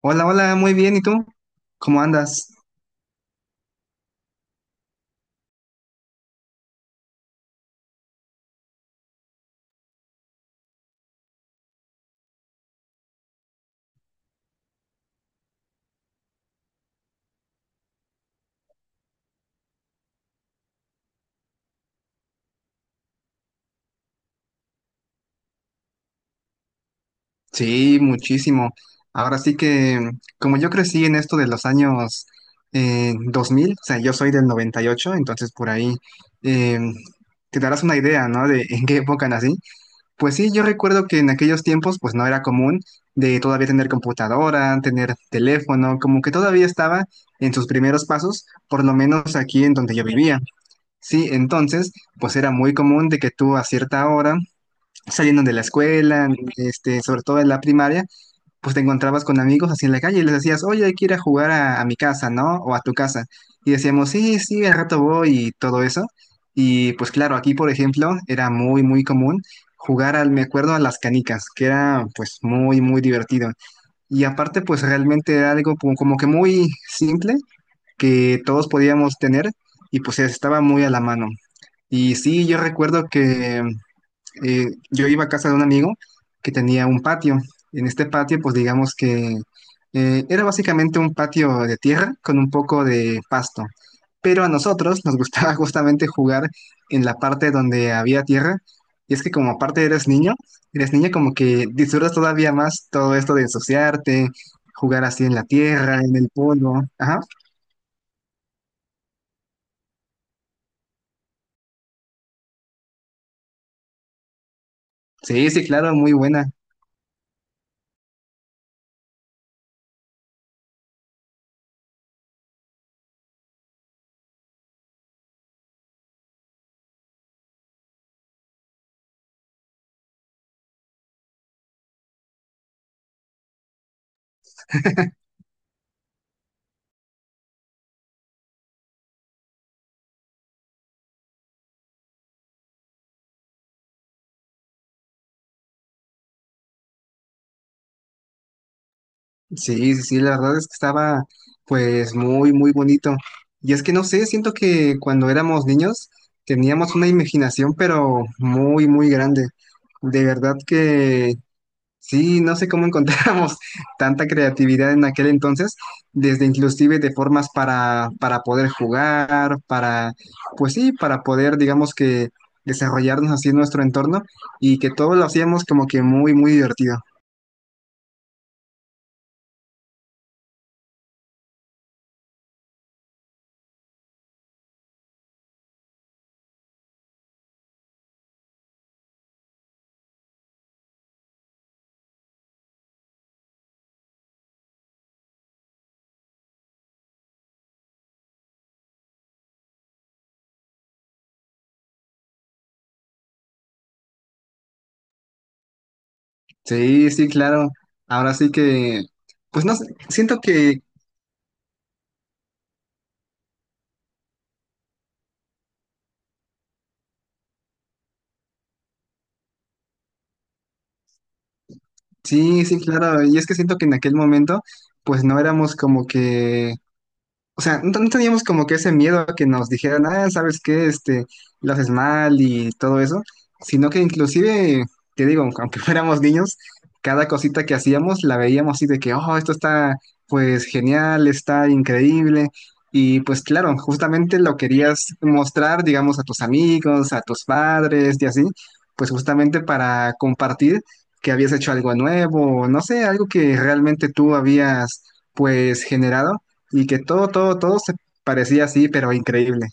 Hola, hola, muy bien. ¿Y tú? ¿Cómo andas? Sí, muchísimo. Ahora sí que, como yo crecí en esto de los años 2000, o sea, yo soy del 98, entonces por ahí eh, te darás una idea, ¿no? De en qué época nací. Pues sí, yo recuerdo que en aquellos tiempos, pues no era común de todavía tener computadora, tener teléfono, como que todavía estaba en sus primeros pasos, por lo menos aquí en donde yo vivía. Sí, entonces, pues era muy común de que tú a cierta hora saliendo de la escuela, este, sobre todo en la primaria, pues te encontrabas con amigos así en la calle y les decías, oye, hay que ir a jugar a mi casa, ¿no? O a tu casa. Y decíamos, sí, sí, al rato voy y todo eso. Y pues claro, aquí, por ejemplo, era muy, muy común jugar al, me acuerdo, a las canicas, que era pues muy, muy divertido. Y aparte, pues realmente era algo como que muy simple, que todos podíamos tener y pues estaba muy a la mano. Y sí, yo recuerdo que yo iba a casa de un amigo que tenía un patio. En este patio, pues digamos que era básicamente un patio de tierra con un poco de pasto. Pero a nosotros nos gustaba justamente jugar en la parte donde había tierra. Y es que como aparte eres niño, eres niña, como que disfrutas todavía más todo esto de ensuciarte, jugar así en la tierra, en el polvo. Ajá. Sí, sí, claro, muy buena. Sí, sí, sí, la verdad es que estaba pues muy, muy bonito. Y es que no sé, siento que cuando éramos niños teníamos una imaginación pero muy, muy grande. De verdad que sí, no sé cómo encontrábamos tanta creatividad en aquel entonces, desde inclusive de formas para poder jugar, pues sí, para poder, digamos que desarrollarnos así en nuestro entorno, y que todo lo hacíamos como que muy, muy divertido. Sí, sí, claro. Ahora sí que, pues no sé, siento que, sí, sí, claro. Y es que siento que en aquel momento, pues no éramos como que, o sea, no, no teníamos como que ese miedo a que nos dijeran, ah, ¿sabes qué? Este, lo haces mal y todo eso, sino que inclusive, te digo, aunque fuéramos niños, cada cosita que hacíamos la veíamos así de que, oh, esto está pues genial, está increíble. Y pues claro, justamente lo querías mostrar, digamos, a tus amigos, a tus padres y así, pues justamente para compartir que habías hecho algo nuevo, no sé, algo que realmente tú habías pues generado y que todo, todo, todo se parecía así, pero increíble.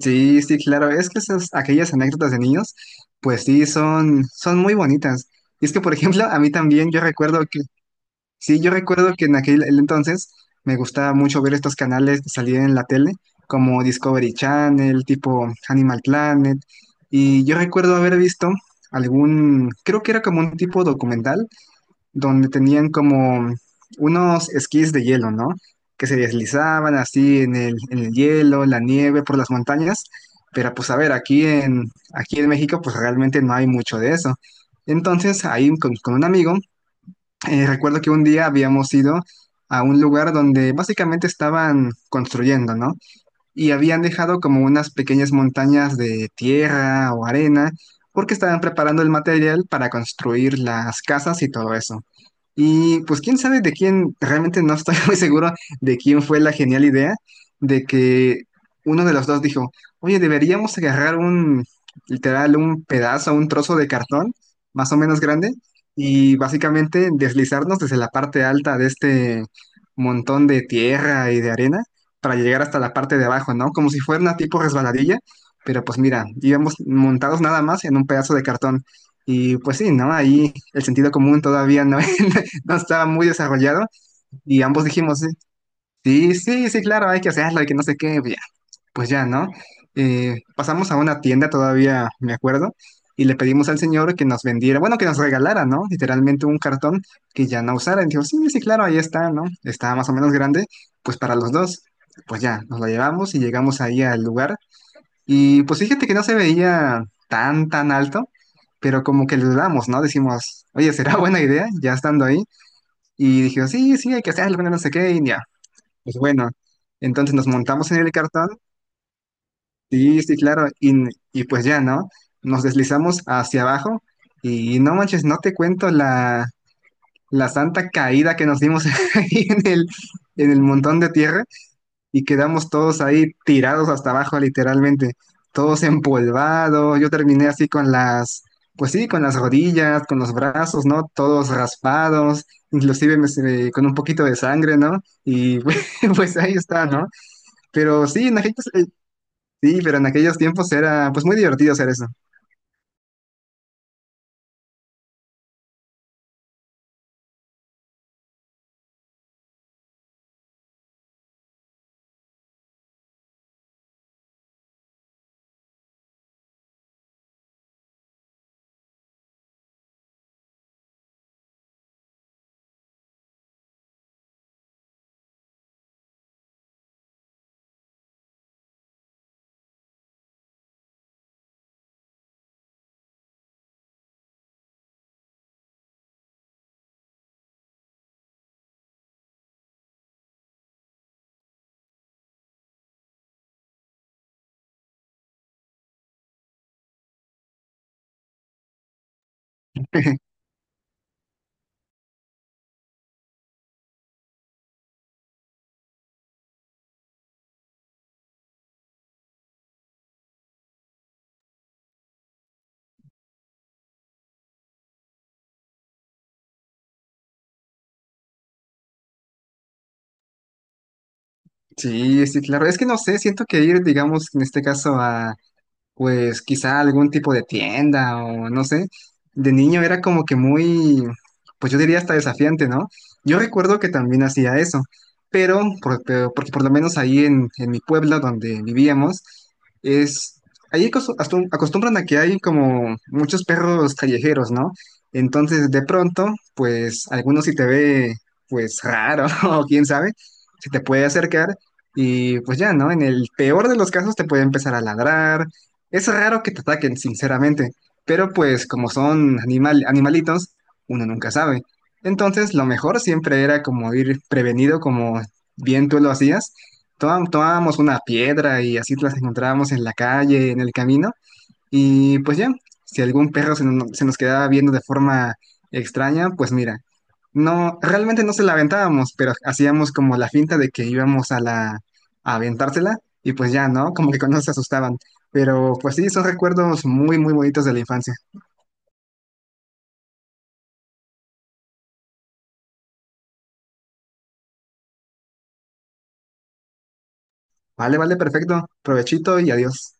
Sí, sí, claro, es que esas, aquellas anécdotas de niños, pues sí, son muy bonitas. Y es que, por ejemplo, a mí también yo recuerdo que, sí, yo recuerdo que en aquel el entonces me gustaba mucho ver estos canales que salían en la tele, como Discovery Channel, tipo Animal Planet, y yo recuerdo haber visto algún, creo que era como un tipo documental donde tenían como unos esquís de hielo, ¿no? Que se deslizaban así en el hielo, en la nieve, por las montañas. Pero pues a ver, aquí en México pues realmente no hay mucho de eso. Entonces ahí con un amigo, recuerdo que un día habíamos ido a un lugar donde básicamente estaban construyendo, ¿no? Y habían dejado como unas pequeñas montañas de tierra o arena porque estaban preparando el material para construir las casas y todo eso. Y pues quién sabe de quién, realmente no estoy muy seguro de quién fue la genial idea, de que uno de los dos dijo, oye, deberíamos agarrar un, literal, un pedazo, un trozo de cartón más o menos grande, y básicamente deslizarnos desde la parte alta de este montón de tierra y de arena para llegar hasta la parte de abajo, ¿no? Como si fuera una tipo resbaladilla, pero pues mira, íbamos montados nada más en un pedazo de cartón. Y pues sí, ¿no? Ahí el sentido común todavía no no estaba muy desarrollado, y ambos dijimos, sí, sí, sí, sí, claro, hay que hacerlo, hay que no sé qué, ya, pues ya, ¿no? Pasamos a una tienda todavía, me acuerdo, y le pedimos al señor que nos vendiera, bueno, que nos regalara, ¿no? Literalmente un cartón que ya no usara. Y dijo, sí, sí, claro, ahí está, ¿no? Está más o menos grande, pues para los dos. Pues ya, nos lo llevamos y llegamos ahí al lugar. Y pues fíjate que no se veía tan, tan alto, pero como que lo dudamos, ¿no? Decimos, oye, ¿será buena idea? Ya estando ahí. Y dijeron, sí, sí, hay que hacerlo, bueno, no sé qué, y ya. Pues bueno, entonces nos montamos en el cartón, sí, sí, claro, y pues ya, ¿no? Nos deslizamos hacia abajo y no manches, no te cuento la santa caída que nos dimos ahí en el montón de tierra, y quedamos todos ahí tirados hasta abajo, literalmente, todos empolvados. Yo terminé así con las, pues sí, con las rodillas, con los brazos, ¿no? Todos raspados, inclusive con un poquito de sangre, ¿no? Y pues ahí está, ¿no? Pero sí, sí, pero en aquellos tiempos era pues muy divertido hacer eso. Sí, sí, claro. Es que no sé, siento que ir, digamos, en este caso a, pues quizá algún tipo de tienda, o no sé. De niño era como que muy, pues yo diría hasta desafiante, ¿no? Yo recuerdo que también hacía eso, pero porque por lo menos ahí en mi pueblo donde vivíamos, es, ahí acostumbran a que hay como muchos perros callejeros, ¿no? Entonces de pronto, pues algunos si te ve, pues raro, o quién sabe, se te puede acercar, y pues ya, ¿no? En el peor de los casos te puede empezar a ladrar. Es raro que te ataquen, sinceramente, pero pues como son animal, animalitos, uno nunca sabe. Entonces, lo mejor siempre era como ir prevenido, como bien tú lo hacías. Tomábamos una piedra y así las encontrábamos en la calle, en el camino, y pues ya, si algún perro se, no- se nos quedaba viendo de forma extraña, pues mira, no, realmente no se la aventábamos, pero hacíamos como la finta de que íbamos a aventársela, y pues ya, ¿no? Como que cuando se asustaban. Pero pues sí, son recuerdos muy, muy bonitos de la infancia. Vale, vale, perfecto. Provechito y adiós.